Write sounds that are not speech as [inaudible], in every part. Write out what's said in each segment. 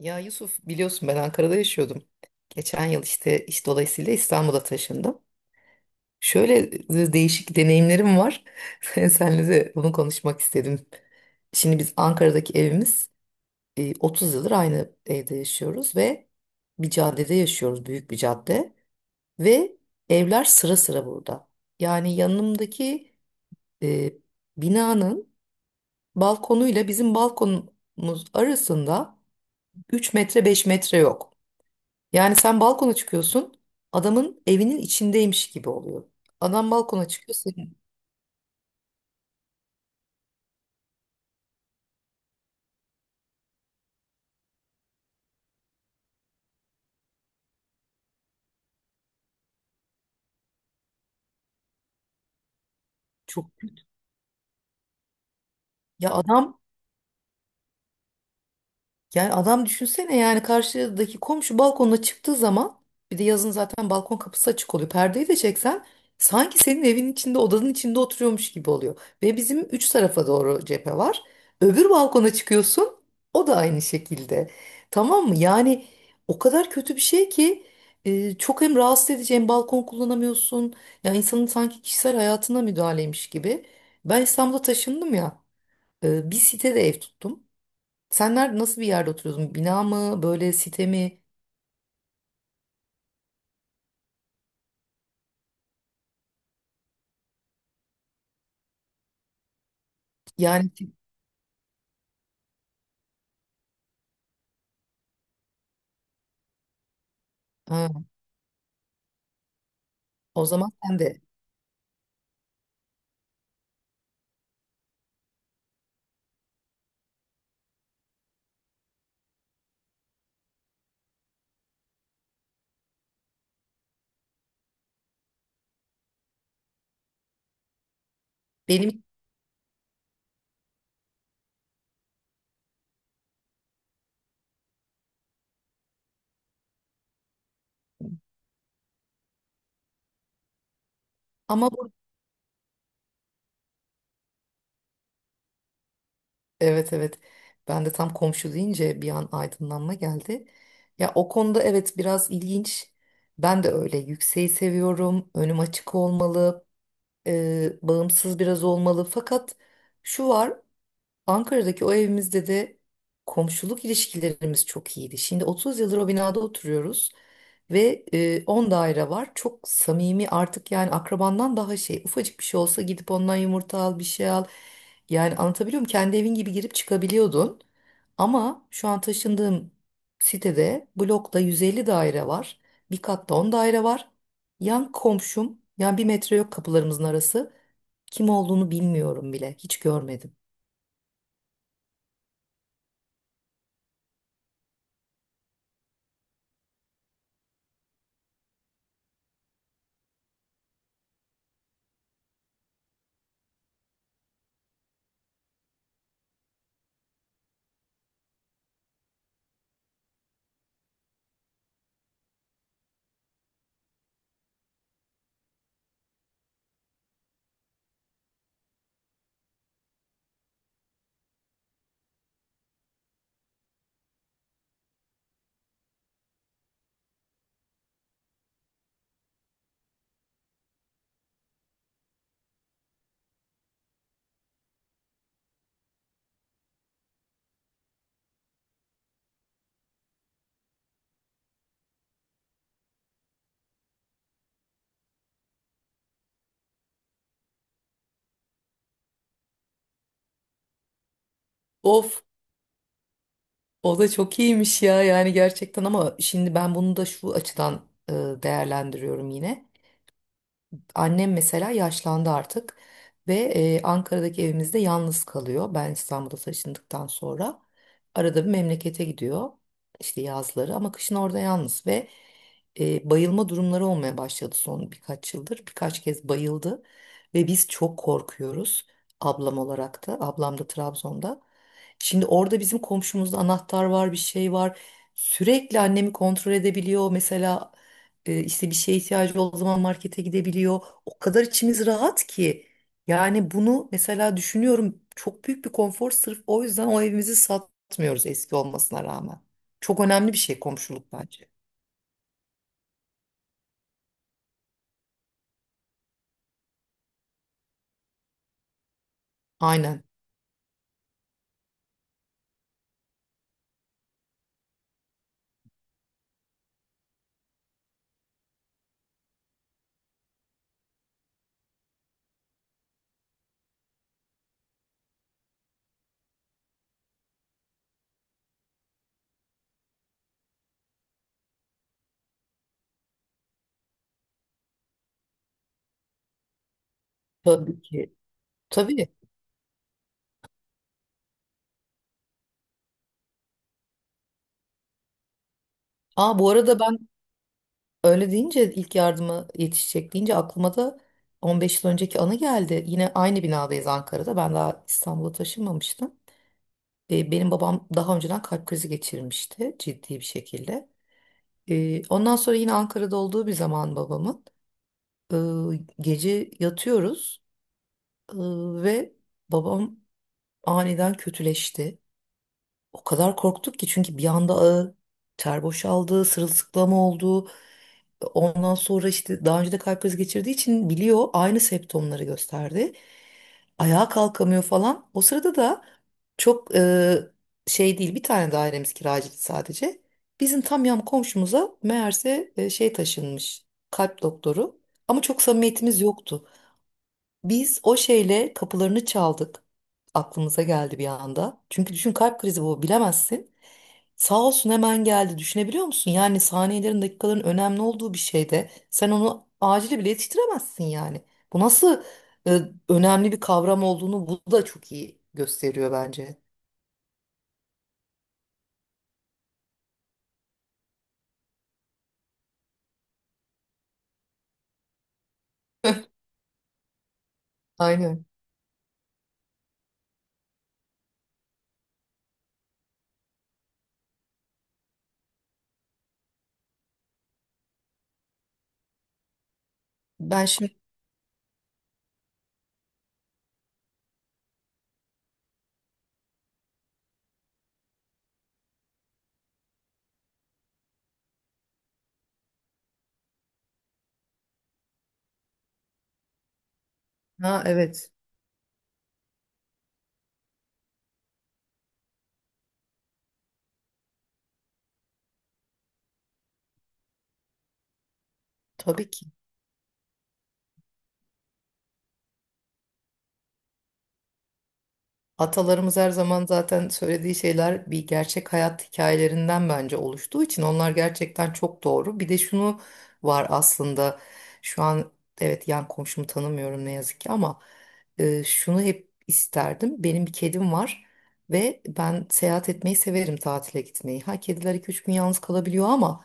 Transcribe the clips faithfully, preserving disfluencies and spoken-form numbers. Ya Yusuf biliyorsun ben Ankara'da yaşıyordum. Geçen yıl işte iş dolayısıyla İstanbul'a taşındım. Şöyle e, değişik deneyimlerim var. [laughs] Seninle de bunu konuşmak istedim. Şimdi biz Ankara'daki evimiz, e, otuz yıldır aynı evde yaşıyoruz ve bir caddede yaşıyoruz, büyük bir cadde. Ve evler sıra sıra burada. Yani yanımdaki e, binanın balkonuyla bizim balkonumuz arasında üç metre beş metre yok. Yani sen balkona çıkıyorsun, adamın evinin içindeymiş gibi oluyor. Adam balkona çıkıyor, senin çok kötü. Ya adam Yani adam düşünsene, yani karşıdaki komşu balkonuna çıktığı zaman, bir de yazın zaten balkon kapısı açık oluyor. Perdeyi de çeksen sanki senin evin içinde, odanın içinde oturuyormuş gibi oluyor. Ve bizim üç tarafa doğru cephe var. Öbür balkona çıkıyorsun, o da aynı şekilde. Tamam mı? Yani o kadar kötü bir şey ki e, çok hem rahatsız edici hem balkon kullanamıyorsun. Ya insanın sanki kişisel hayatına müdahaleymiş gibi. Ben İstanbul'a taşındım ya, e, bir sitede ev tuttum. Sen nerede, nasıl bir yerde oturuyordun? Bina mı, böyle site mi? Yani si, ha, o zaman sen de benim ama bu- Evet evet, ben de tam komşu deyince bir an aydınlanma geldi. Ya o konuda evet biraz ilginç. Ben de öyle yükseği seviyorum. Önüm açık olmalı, e, bağımsız biraz olmalı. Fakat şu var. Ankara'daki o evimizde de komşuluk ilişkilerimiz çok iyiydi. Şimdi otuz yıldır o binada oturuyoruz ve e, on daire var. Çok samimi artık, yani akrabandan daha şey. Ufacık bir şey olsa gidip ondan yumurta al, bir şey al. Yani anlatabiliyor muyum? Kendi evin gibi girip çıkabiliyordun. Ama şu an taşındığım sitede blokta yüz elli daire var. Bir katta on daire var. Yan komşum, yani bir metre yok kapılarımızın arası. Kim olduğunu bilmiyorum bile. Hiç görmedim. Of O da çok iyiymiş ya, yani gerçekten. Ama şimdi ben bunu da şu açıdan e, değerlendiriyorum yine. Annem mesela yaşlandı artık ve e, Ankara'daki evimizde yalnız kalıyor. Ben İstanbul'a taşındıktan sonra arada bir memlekete gidiyor işte yazları, ama kışın orada yalnız ve e, bayılma durumları olmaya başladı son birkaç yıldır. Birkaç kez bayıldı ve biz çok korkuyoruz, ablam olarak da, ablam da Trabzon'da. Şimdi orada bizim komşumuzda anahtar var, bir şey var, sürekli annemi kontrol edebiliyor mesela. E, işte bir şeye ihtiyacı olduğu zaman markete gidebiliyor, o kadar içimiz rahat ki. Yani bunu mesela düşünüyorum, çok büyük bir konfor. Sırf o yüzden o evimizi satmıyoruz eski olmasına rağmen. Çok önemli bir şey komşuluk bence. Aynen. Tabii ki. Tabii. Aa, bu arada ben öyle deyince, ilk yardıma yetişecek deyince, aklıma da on beş yıl önceki anı geldi. Yine aynı binadayız Ankara'da. Ben daha İstanbul'a taşınmamıştım. Ee, benim babam daha önceden kalp krizi geçirmişti ciddi bir şekilde. Ee, ondan sonra yine Ankara'da olduğu bir zaman babamın. Ee, gece yatıyoruz ee, ve babam aniden kötüleşti. O kadar korktuk ki, çünkü bir anda ağır ter boşaldı, sırılsıklam oldu. Ondan sonra işte daha önce de kalp krizi geçirdiği için biliyor, aynı semptomları gösterdi. Ayağa kalkamıyor falan. O sırada da çok e, şey değil bir tane dairemiz kiracıydı sadece. Bizim tam yan komşumuza meğerse e, şey taşınmış kalp doktoru, ama çok samimiyetimiz yoktu. Biz o şeyle kapılarını çaldık. Aklımıza geldi bir anda. Çünkü düşün, kalp krizi bu, bilemezsin. Sağ olsun hemen geldi. Düşünebiliyor musun? Yani saniyelerin, dakikaların önemli olduğu bir şeyde sen onu acili bile yetiştiremezsin yani. Bu nasıl e, önemli bir kavram olduğunu bu da çok iyi gösteriyor bence. [laughs] Aynen. Ben şimdi ha evet Tabii ki. Atalarımız her zaman zaten söylediği şeyler, bir gerçek hayat hikayelerinden bence oluştuğu için onlar gerçekten çok doğru. Bir de şunu var aslında şu an. Evet, yan komşumu tanımıyorum ne yazık ki, ama e, şunu hep isterdim. Benim bir kedim var ve ben seyahat etmeyi severim, tatile gitmeyi. Ha, kediler iki üç gün yalnız kalabiliyor ama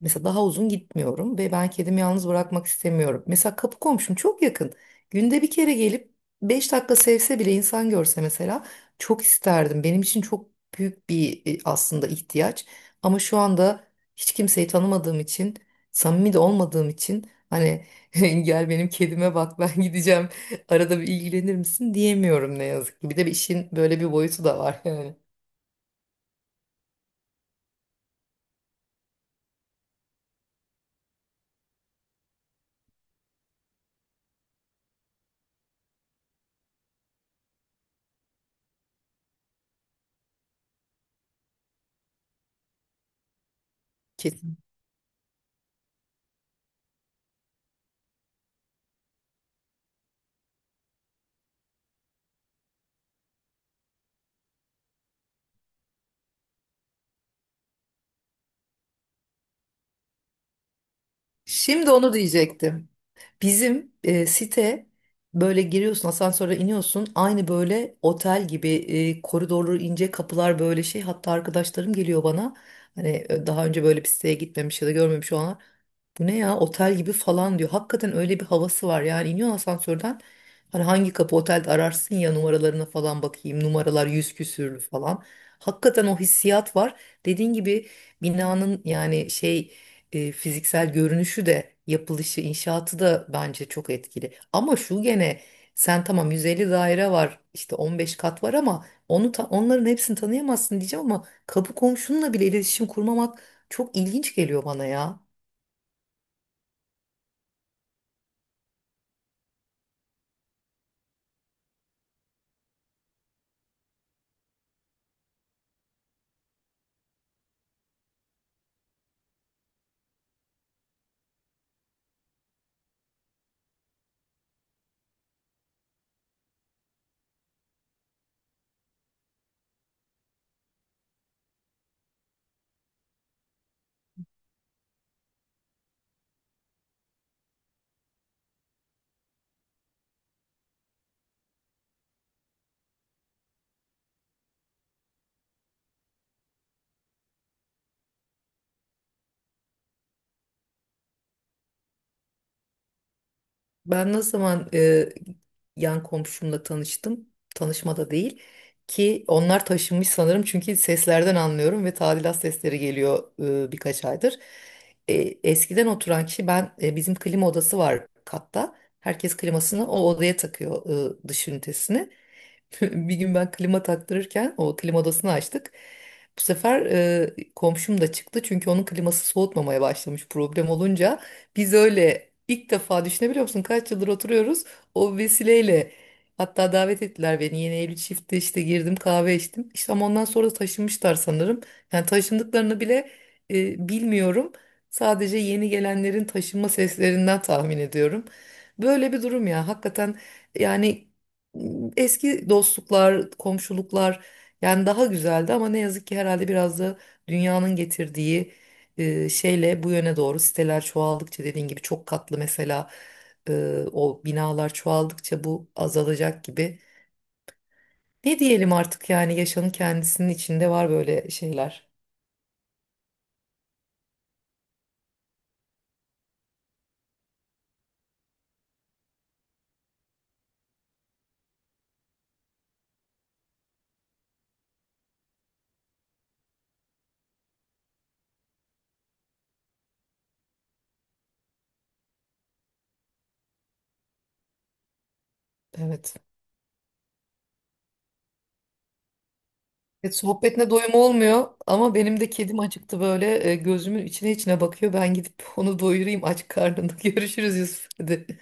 mesela daha uzun gitmiyorum ve ben kedimi yalnız bırakmak istemiyorum. Mesela kapı komşum çok yakın. Günde bir kere gelip beş dakika sevse bile, insan görse mesela, çok isterdim. Benim için çok büyük bir e, aslında ihtiyaç. Ama şu anda hiç kimseyi tanımadığım için, samimi de olmadığım için, hani [laughs] gel benim kedime bak, ben [laughs] gideceğim, arada bir ilgilenir misin diyemiyorum ne yazık ki. Bir de bir işin böyle bir boyutu da var yani. Kesin. Şimdi onu diyecektim. Bizim e, site, böyle giriyorsun asansöre, iniyorsun aynı böyle otel gibi, e, koridorları ince kapılar böyle şey, hatta arkadaşlarım geliyor bana, hani e, daha önce böyle bir siteye gitmemiş ya da görmemiş olanlar, bu ne ya, otel gibi falan diyor. Hakikaten öyle bir havası var yani, iniyorsun asansörden, hani hangi kapı otelde ararsın ya, numaralarına falan bakayım, numaralar yüz küsürlü falan. Hakikaten o hissiyat var. Dediğin gibi binanın yani şey, e, fiziksel görünüşü de, yapılışı, inşaatı da bence çok etkili. Ama şu gene, sen tamam yüz elli daire var, işte on beş kat var ama onu ta- onların hepsini tanıyamazsın diyeceğim, ama kapı komşunla bile iletişim kurmamak çok ilginç geliyor bana ya. Ben ne zaman e, yan komşumla tanıştım, tanışma da değil ki, onlar taşınmış sanırım çünkü seslerden anlıyorum ve tadilat sesleri geliyor e, birkaç aydır. E, Eskiden oturan kişi ben e, bizim klima odası var katta. Herkes klimasını o odaya takıyor, e, dış ünitesini. [laughs] Bir gün ben klima taktırırken o klima odasını açtık. Bu sefer e, komşum da çıktı çünkü onun kliması soğutmamaya başlamış, problem olunca. Biz öyle ilk defa, düşünebiliyor musun, kaç yıldır oturuyoruz, o vesileyle. Hatta davet ettiler beni yeni evli çifte, işte girdim kahve içtim. İşte, ama ondan sonra da taşınmışlar sanırım. Yani taşındıklarını bile e, bilmiyorum. Sadece yeni gelenlerin taşınma seslerinden tahmin ediyorum. Böyle bir durum ya, hakikaten yani. Eski dostluklar, komşuluklar yani daha güzeldi, ama ne yazık ki herhalde biraz da dünyanın getirdiği e, şeyle bu yöne doğru, siteler çoğaldıkça, dediğin gibi çok katlı mesela, e, o binalar çoğaldıkça bu azalacak gibi. Ne diyelim artık yani, yaşamın kendisinin içinde var böyle şeyler. Evet. Evet, sohbetine doyum olmuyor ama benim de kedim acıktı, böyle e, gözümün içine içine bakıyor. Ben gidip onu doyurayım aç karnında. [laughs] Görüşürüz Yusuf. Hadi.